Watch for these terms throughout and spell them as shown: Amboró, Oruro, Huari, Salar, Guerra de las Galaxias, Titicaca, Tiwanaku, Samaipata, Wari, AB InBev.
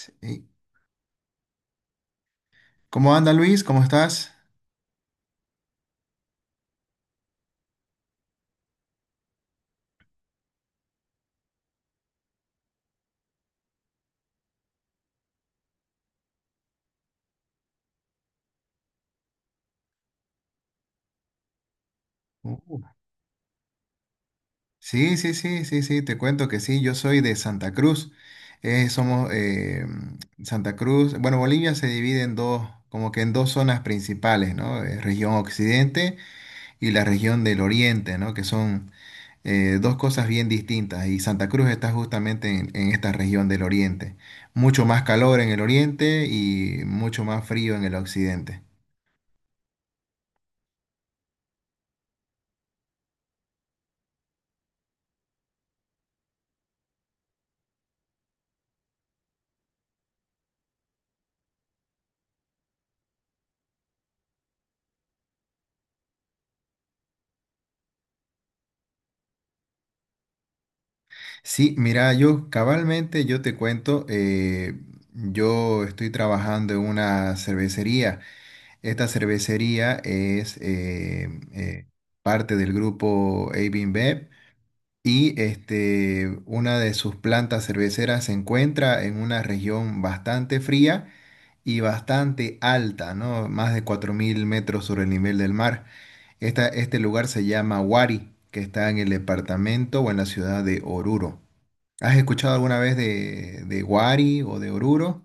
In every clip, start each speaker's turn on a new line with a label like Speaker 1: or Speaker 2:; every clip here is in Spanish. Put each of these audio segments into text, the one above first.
Speaker 1: Sí. ¿Cómo anda Luis? ¿Cómo estás? Uh, Sí, sí, sí, sí, sí, te cuento que sí, yo soy de Santa Cruz. Somos, Santa Cruz, bueno, Bolivia se divide en dos, como que en dos zonas principales, ¿no? Región Occidente y la región del Oriente, ¿no? Que son dos cosas bien distintas y Santa Cruz está justamente en esta región del Oriente. Mucho más calor en el Oriente y mucho más frío en el Occidente. Sí, mira, yo cabalmente, yo te cuento, yo estoy trabajando en una cervecería. Esta cervecería es parte del grupo AB InBev y este, una de sus plantas cerveceras se encuentra en una región bastante fría y bastante alta, ¿no? Más de 4.000 metros sobre el nivel del mar. Este lugar se llama Huari, que está en el departamento o en la ciudad de Oruro. ¿Has escuchado alguna vez de Wari o de Oruro?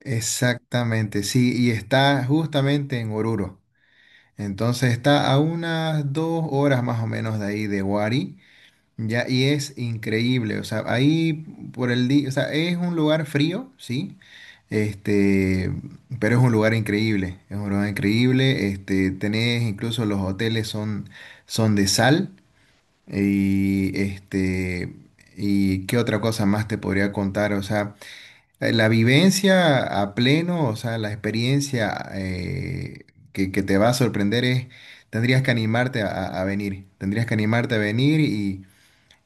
Speaker 1: Exactamente, sí, y está justamente en Oruro. Entonces está a unas 2 horas más o menos de ahí de Wari, ya, y es increíble. O sea, ahí por el día, o sea, es un lugar frío, sí, este, pero es un lugar increíble, es un lugar increíble. Este, tenés, incluso los hoteles son, son de sal. Y este, ¿y qué otra cosa más te podría contar? O sea, la vivencia a pleno, o sea, la experiencia, que te va a sorprender es, tendrías que animarte a, a venir, tendrías que animarte a venir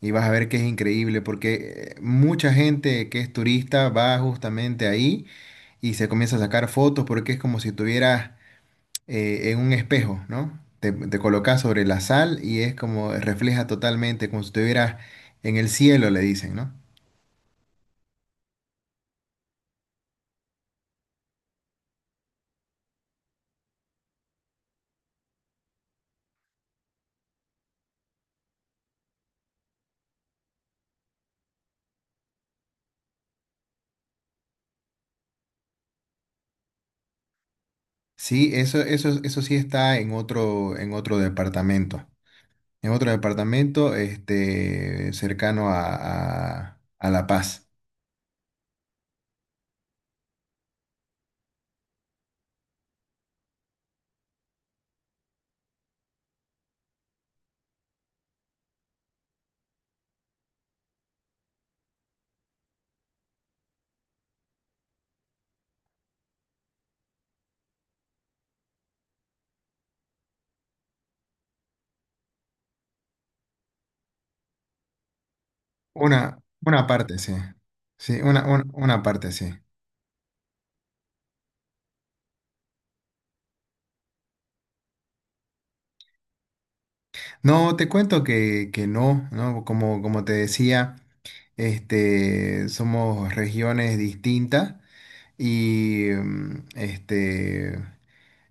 Speaker 1: y vas a ver que es increíble, porque mucha gente que es turista va justamente ahí y se comienza a sacar fotos porque es como si tuvieras, en un espejo, ¿no? Te colocas sobre la sal y es como refleja totalmente, como si estuvieras en el cielo, le dicen, ¿no? Sí, eso sí está en otro departamento. En otro departamento, este, cercano a, a La Paz. Una, una parte, sí. Sí, una parte, sí. No, te cuento que no, ¿no? Como, como te decía, este, somos regiones distintas. Y, este,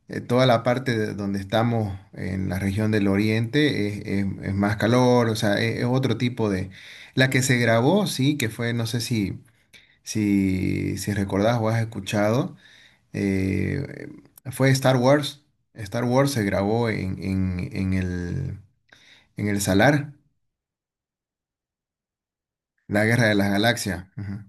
Speaker 1: toda la parte de donde estamos en la región del Oriente es, es más calor, o sea, es otro tipo de... La que se grabó, sí, que fue, no sé si, si, si recordás o has escuchado, eh, fue Star Wars. Star Wars se grabó en el Salar, la Guerra de las Galaxias. Ujú.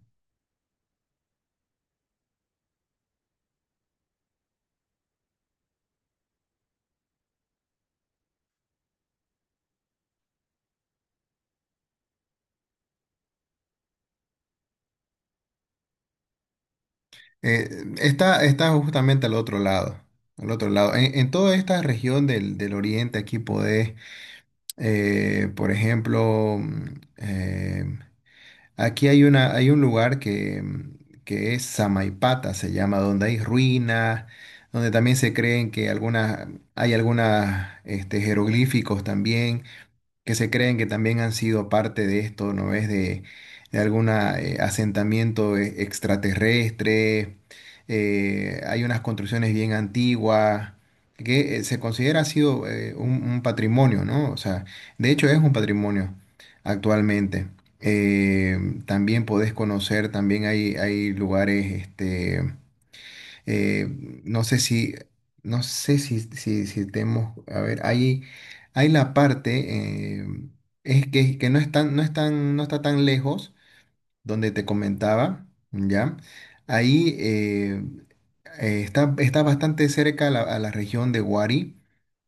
Speaker 1: Eh, está, está justamente al otro lado, al otro lado. En toda esta región del, del oriente aquí podés, por ejemplo, aquí hay una, hay un lugar que, que es Samaipata, se llama, donde hay ruinas, donde también se creen que algunas, hay algunas, este, jeroglíficos también que se creen que también han sido parte de esto, ¿no ves? De algún asentamiento extraterrestre. Hay unas construcciones bien antiguas que, se considera ha sido, un patrimonio, ¿no? O sea, de hecho es un patrimonio actualmente. Eh, también podés conocer, también hay lugares, este, eh, no sé si, no sé si, si, si tenemos, a ver, hay la parte, es que no es tan- no es tan- no está tan lejos, donde te comentaba, ¿ya? Ahí, está, está bastante cerca a la región de Huari,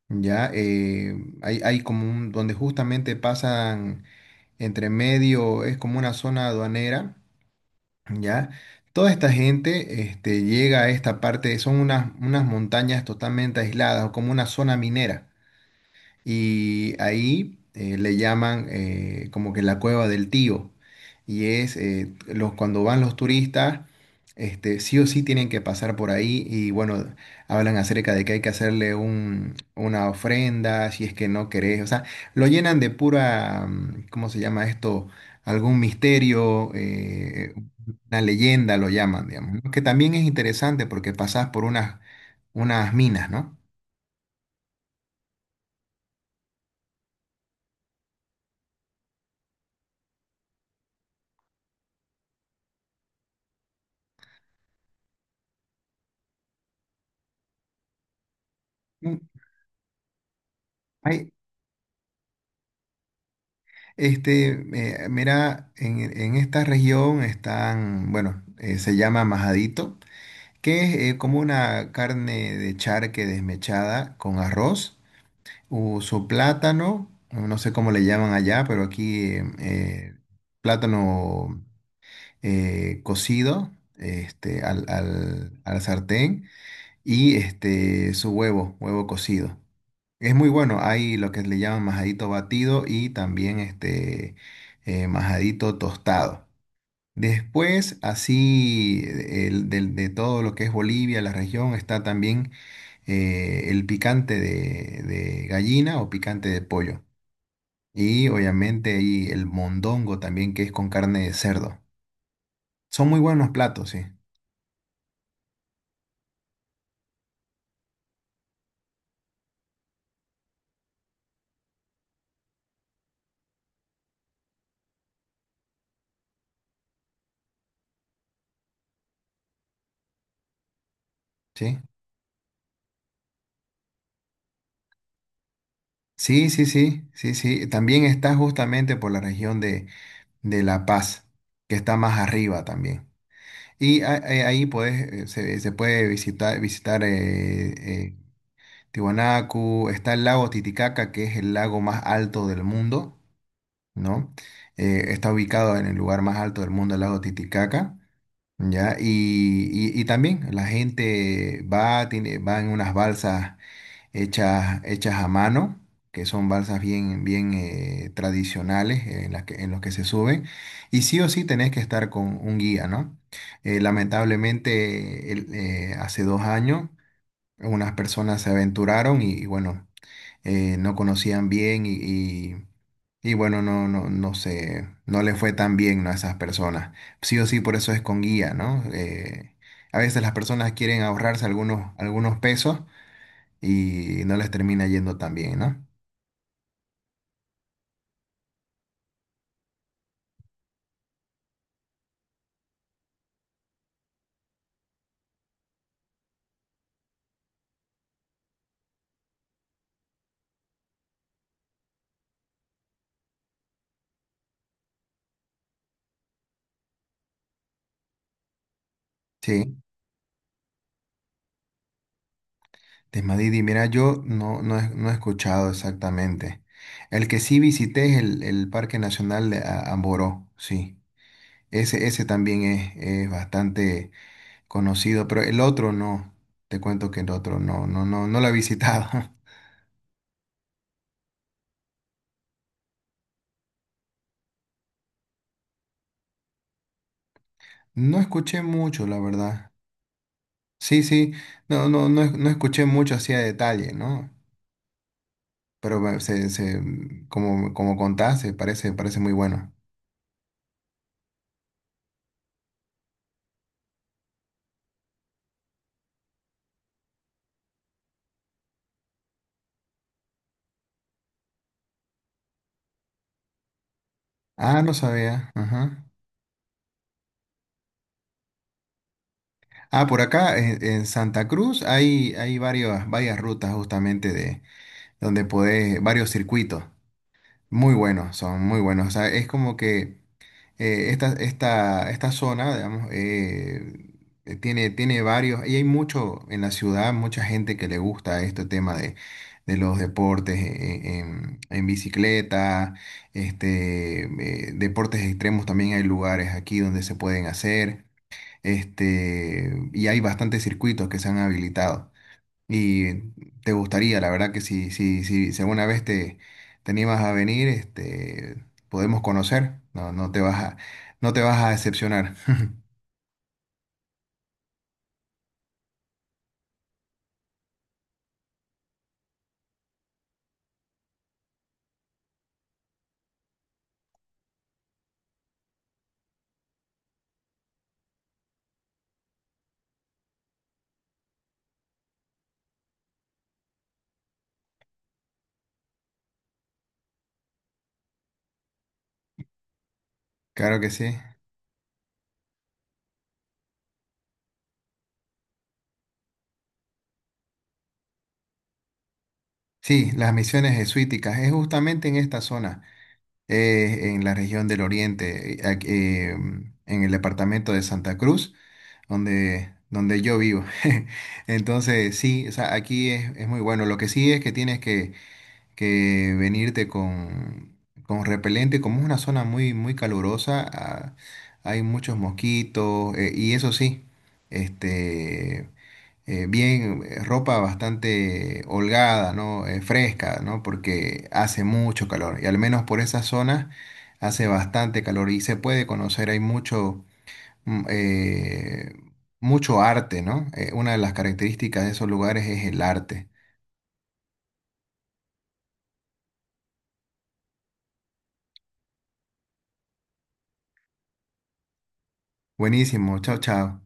Speaker 1: ¿ya? Hay, hay como un, donde justamente pasan entre medio, es como una zona aduanera, ¿ya? Toda esta gente, este, llega a esta parte, son unas, unas montañas totalmente aisladas, o como una zona minera. Y ahí, le llaman, como que la cueva del tío. Y es, los, cuando van los turistas, este, sí o sí tienen que pasar por ahí. Y bueno, hablan acerca de que hay que hacerle un, una ofrenda si es que no querés. O sea, lo llenan de pura, ¿cómo se llama esto? Algún misterio, una leyenda lo llaman, digamos, ¿no? Que también es interesante porque pasás por unas, unas minas, ¿no? Mm, hay- este, mira, en esta región están, bueno, se llama majadito, que es, como una carne de charque desmechada con arroz, uso plátano, no sé cómo le llaman allá, pero aquí, plátano, cocido, este, al, al, al sartén y este, su huevo, huevo cocido. Es muy bueno, hay lo que le llaman majadito batido y también este, majadito tostado. Después, así, el, de todo lo que es Bolivia, la región, está también, el picante de gallina o picante de pollo. Y obviamente hay el mondongo también, que es con carne de cerdo. Son muy buenos platos, sí. Sí, sí, sí, sí, sí, sí. También está justamente por la región de La Paz, que está más arriba también. Y a, ahí puedes, se, se puede visitar, visitar, eh, Tiwanaku, está el lago Titicaca, que es el lago más alto del mundo, ¿no? Está ubicado en el lugar más alto del mundo, el lago Titicaca, ¿ya? Y, y también la gente va, tiene, va en unas balsas hechas, hechas a mano, que son balsas bien, bien, tradicionales, en las que, en los que se suben. Y sí o sí tenés que estar con un guía, ¿no? Lamentablemente, hace 2 años, unas personas se aventuraron y bueno, no conocían bien y, y bueno, no, no, no sé, no le fue tan bien, ¿no? A esas personas. Sí o sí, por eso es con guía, ¿no? A veces las personas quieren ahorrarse algunos, algunos pesos y no les termina yendo tan bien, ¿no? Sí. Desmadidi, mira, yo no, no, he, no he escuchado exactamente. El que sí visité es el Parque Nacional de Amboró, sí. Ese también es bastante conocido, pero el otro no. Te cuento que el otro no, no, no, no lo he visitado. No escuché mucho, la verdad. Sí, sí, no, no, no, no escuché mucho así a detalle, ¿no? Pero se, se, como, como contaste, parece, parece muy bueno. Ah, no sabía. Ajá. Ah, por acá en Santa Cruz hay, hay varias, varias rutas justamente de donde podés, varios circuitos. Muy buenos, son muy buenos. O sea, es como que, esta, esta, esta zona, digamos, tiene, tiene varios, y hay mucho en la ciudad, mucha gente que le gusta este tema de los deportes, en bicicleta, este, deportes extremos también hay lugares aquí donde se pueden hacer. Este, y hay bastantes circuitos que se han habilitado. Y te gustaría, la verdad que si, si, si, si alguna vez te, te animas a venir, este, podemos conocer. No, no te vas a, no te vas a decepcionar. Claro que sí. Sí, las misiones jesuíticas es justamente en esta zona, en la región del Oriente, aquí, en el departamento de Santa Cruz, donde, donde yo vivo. Entonces, sí, o sea, aquí es muy bueno. Lo que sí es que tienes que venirte con repelente, como es una zona muy, muy calurosa, ah, hay muchos mosquitos, y eso sí, este, bien, ropa bastante holgada, ¿no? Fresca, ¿no? Porque hace mucho calor, y al menos por esas zonas hace bastante calor, y se puede conocer, hay mucho... mm, eh, mucho arte, ¿no? Una de las características de esos lugares es el arte. Buenísimo, chao, chao.